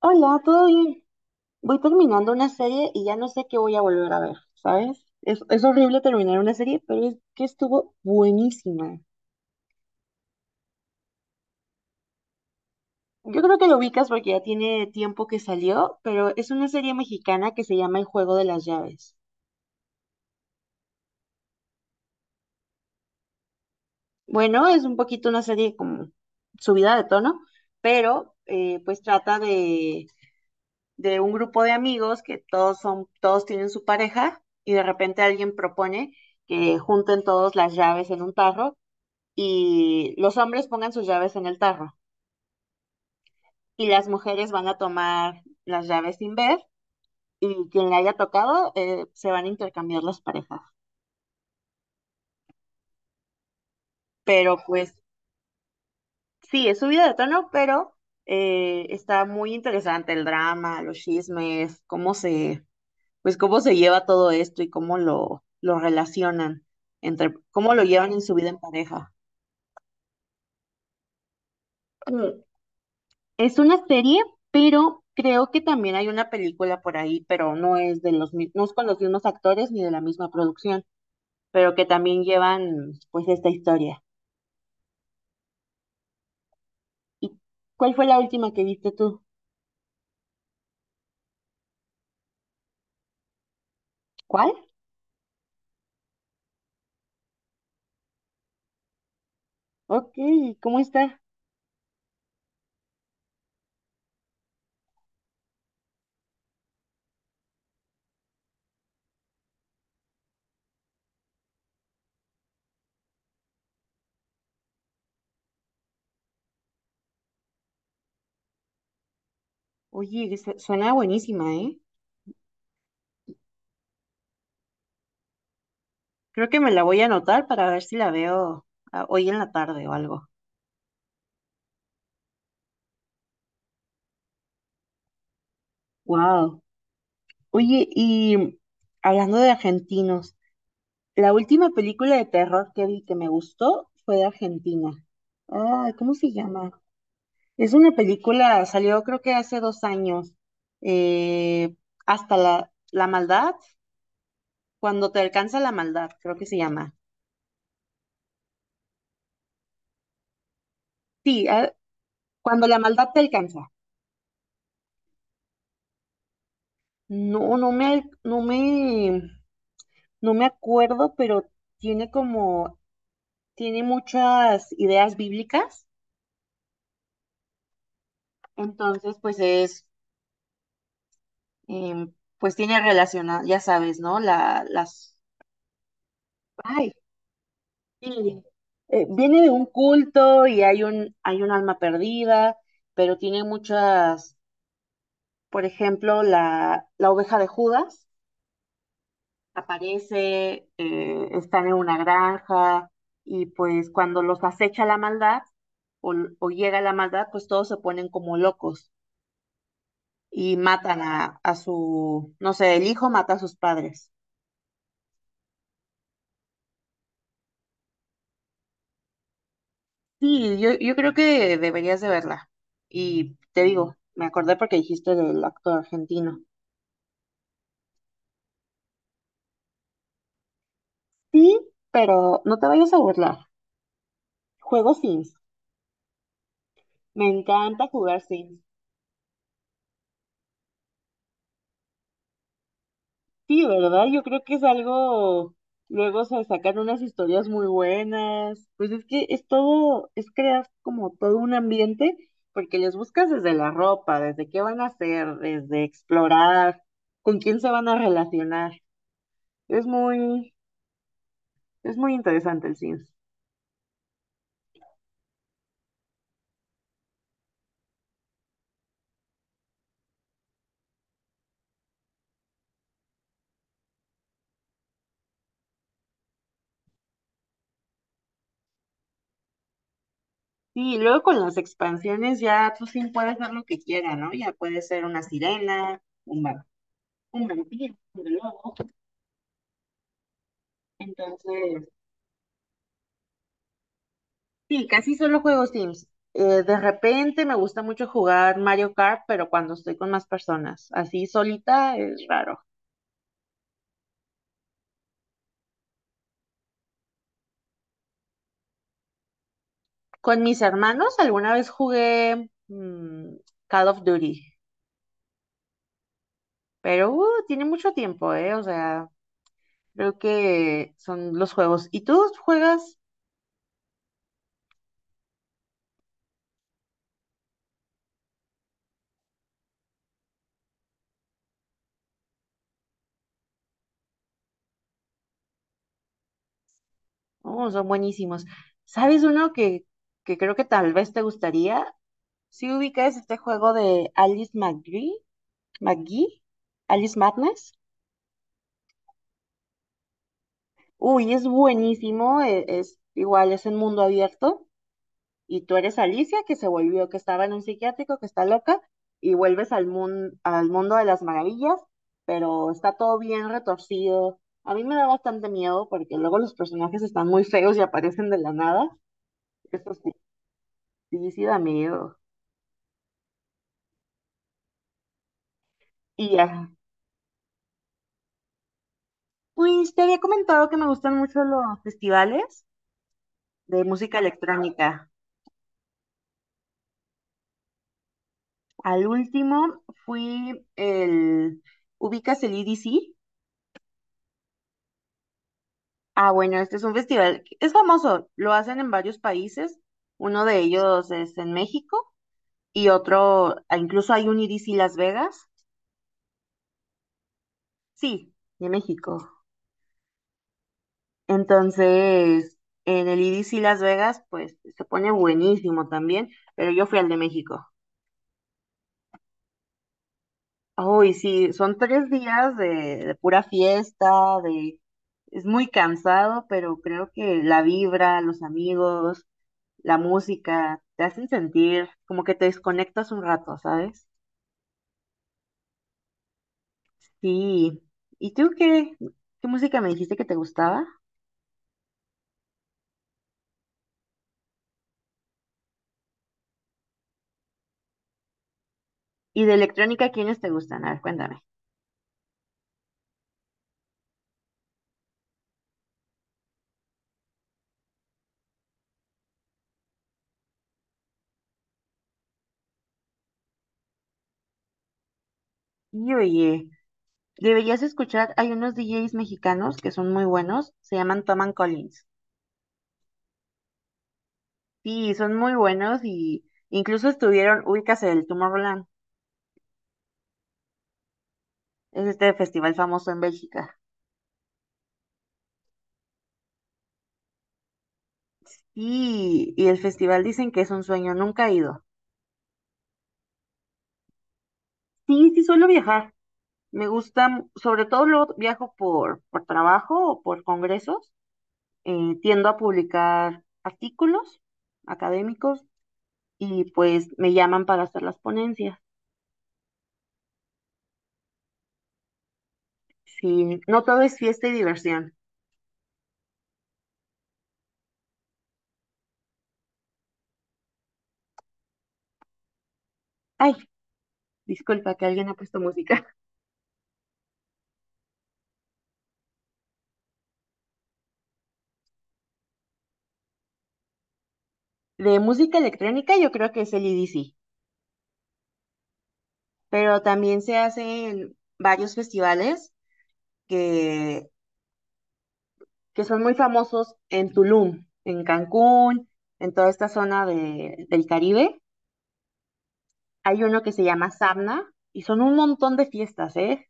Hola, ¿todo bien? Voy terminando una serie y ya no sé qué voy a volver a ver, ¿sabes? Es horrible terminar una serie, pero es que estuvo buenísima. Yo creo que lo ubicas porque ya tiene tiempo que salió, pero es una serie mexicana que se llama El Juego de las Llaves. Bueno, es un poquito una serie como subida de tono, pero pues trata de un grupo de amigos que todos son, todos tienen su pareja y de repente alguien propone que junten todos las llaves en un tarro y los hombres pongan sus llaves en el tarro y las mujeres van a tomar las llaves sin ver y quien le haya tocado se van a intercambiar las parejas. Pero pues sí, es subida de tono, pero está muy interesante el drama, los chismes, cómo se, pues cómo se lleva todo esto y cómo lo relacionan entre, cómo lo llevan en su vida en pareja. Es una serie, pero creo que también hay una película por ahí, pero no es de los mi- no es con los mismos actores ni de la misma producción, pero que también llevan pues esta historia. ¿Y cuál fue la última que viste tú? ¿Cuál? Ok, ¿cómo está? Oye, se- suena buenísima, ¿eh? Creo que me la voy a anotar para ver si la veo hoy en la tarde o algo. Wow. Oye, y hablando de argentinos. La última película de terror que vi que me gustó fue de Argentina. Ay, ¿cómo se llama? Es una película, salió creo que hace dos años. eh, Hasta la, la maldad, cuando te alcanza la maldad, creo que se llama. Sí, ah, cuando la maldad te alcanza. No, no me, no, no me acuerdo, pero tiene como, tiene muchas ideas bíblicas. Entonces, pues es em, pues tiene relacionado, ya sabes, ¿no? La, las, ay, sí, viene de un culto y hay un alma perdida, pero tiene muchas, por ejemplo, la oveja de Judas aparece, están en una granja y pues cuando los acecha la maldad o llega la maldad, pues todos se ponen como locos y matan a su, no sé, el hijo mata a sus padres. Sí, yo creo que deberías de verla. Y te digo, me acordé porque dijiste del actor argentino. Sí, pero no te vayas a burlar. Juego Sims. Me encanta jugar Sims. Sí, ¿verdad? Yo creo que es algo... Luego se sacan unas historias muy buenas. Pues es que es todo, es crear como todo un ambiente, porque les buscas desde la ropa, desde qué van a hacer, desde explorar, con quién se van a relacionar. Es muy, es muy interesante el Sims. Sí, luego con las expansiones ya tú sí puedes ver lo que quieras, ¿no? Ya puede ser una sirena, un, va- un vampiro, un lobo. Entonces, sí, casi solo juego Sims. De repente me gusta mucho jugar Mario Kart, pero cuando estoy con más personas, así solita es raro. Con mis hermanos alguna vez jugué Call of Duty, pero tiene mucho tiempo, ¿eh? O sea, creo que son los juegos. ¿Y tú juegas? Oh, son buenísimos. ¿Sabes uno que creo que tal vez te gustaría? Si ubicas este juego de Alice McGee, McGee, Alice Madness. Uy, es buenísimo, e- es, igual, es en mundo abierto. Y tú eres Alicia, que se volvió, que estaba en un psiquiátrico, que está loca, y vuelves al, mun- al mundo de las maravillas, pero está todo bien retorcido. A mí me da bastante miedo porque luego los personajes están muy feos y aparecen de la nada. Eso sí, sí, sí da miedo. Y ya. Pues te había comentado que me gustan mucho los festivales de música electrónica. Al último fui el... ¿Ubicas el E D C Ah, bueno, este es un festival, que- es famoso, lo hacen en varios países, uno de ellos es en México y otro, ah, incluso hay un E D C Las Vegas, sí, de México. Entonces, en el E D C Las Vegas, pues se pone buenísimo también, pero yo fui al de México. Uy, sí, son tres días de pura fiesta, de... Es muy cansado, pero creo que la vibra, los amigos, la música, te hacen sentir como que te desconectas un rato, ¿sabes? Sí. ¿Y tú qué, qué música me dijiste que te gustaba? ¿Y de electrónica quiénes te gustan? A ver, cuéntame. Y oye, deberías escuchar, hay unos DJs mexicanos que son muy buenos, se llaman Tom and Collins. Sí, son muy buenos y incluso estuvieron, ubícase el Tomorrowland. Es este festival famoso en Bélgica. Y el festival dicen que es un sueño, nunca he ido. Sí, sí suelo viajar. Me gusta, m- sobre todo lo viajo por trabajo o por congresos. Tiendo a publicar artículos académicos y pues me llaman para hacer las ponencias. Sí, no todo es fiesta y diversión. Ay, disculpa que alguien ha puesto música. De música electrónica yo creo que es el IDC, pero también se hacen varios festivales que que son muy famosos en Tulum, en Cancún, en toda esta zona de- del Caribe. Hay uno que se llama Sabna y son un montón de fiestas, ¿eh?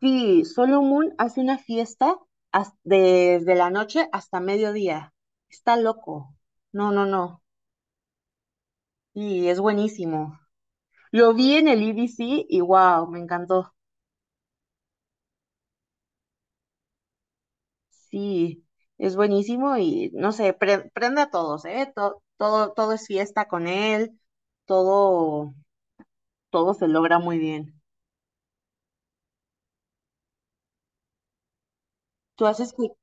Sí, Solomon hace una fiesta has- desde la noche hasta mediodía. Está loco. No, no, no. Y es buenísimo. Lo vi en el IBC y wow, me encantó. Sí, es buenísimo y no sé, pre- prende a todos, ¿eh? To- todo, todo es fiesta con él, todo todo se logra muy bien. ¿Tú has, escu-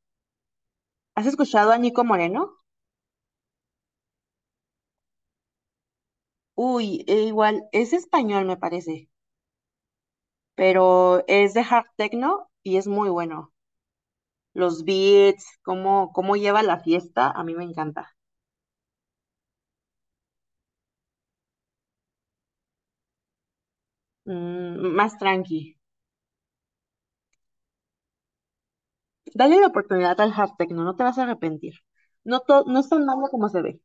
has escuchado a Nico Moreno? Uy, e igual, es español me parece, pero es de hard techno y es muy bueno. Los beats, cómo, cómo lleva la fiesta, a mí me encanta. Mm, más tranqui. Dale la oportunidad al hard techno, no te vas a arrepentir. No, to- no es tan malo como se ve.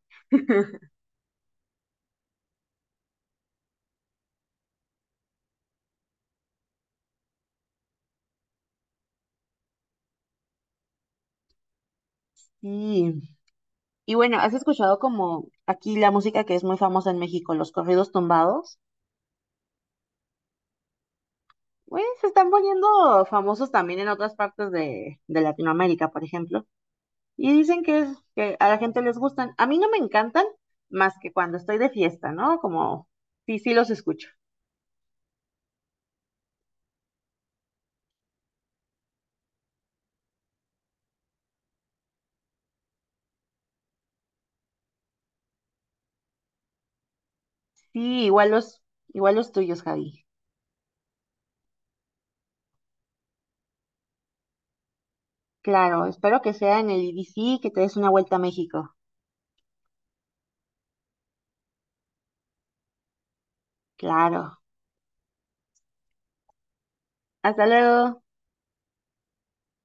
Sí. Y bueno, ¿has escuchado como aquí la música que es muy famosa en México, los corridos tumbados? Pues se están poniendo famosos también en otras partes de Latinoamérica, por ejemplo, y dicen que, es, que a la gente les gustan. A mí no me encantan más que cuando estoy de fiesta, ¿no? Como, sí, sí los escucho. Sí, igual los tuyos, Javi. Claro, espero que sea en el I D C que te des una vuelta a México. Claro. Hasta luego.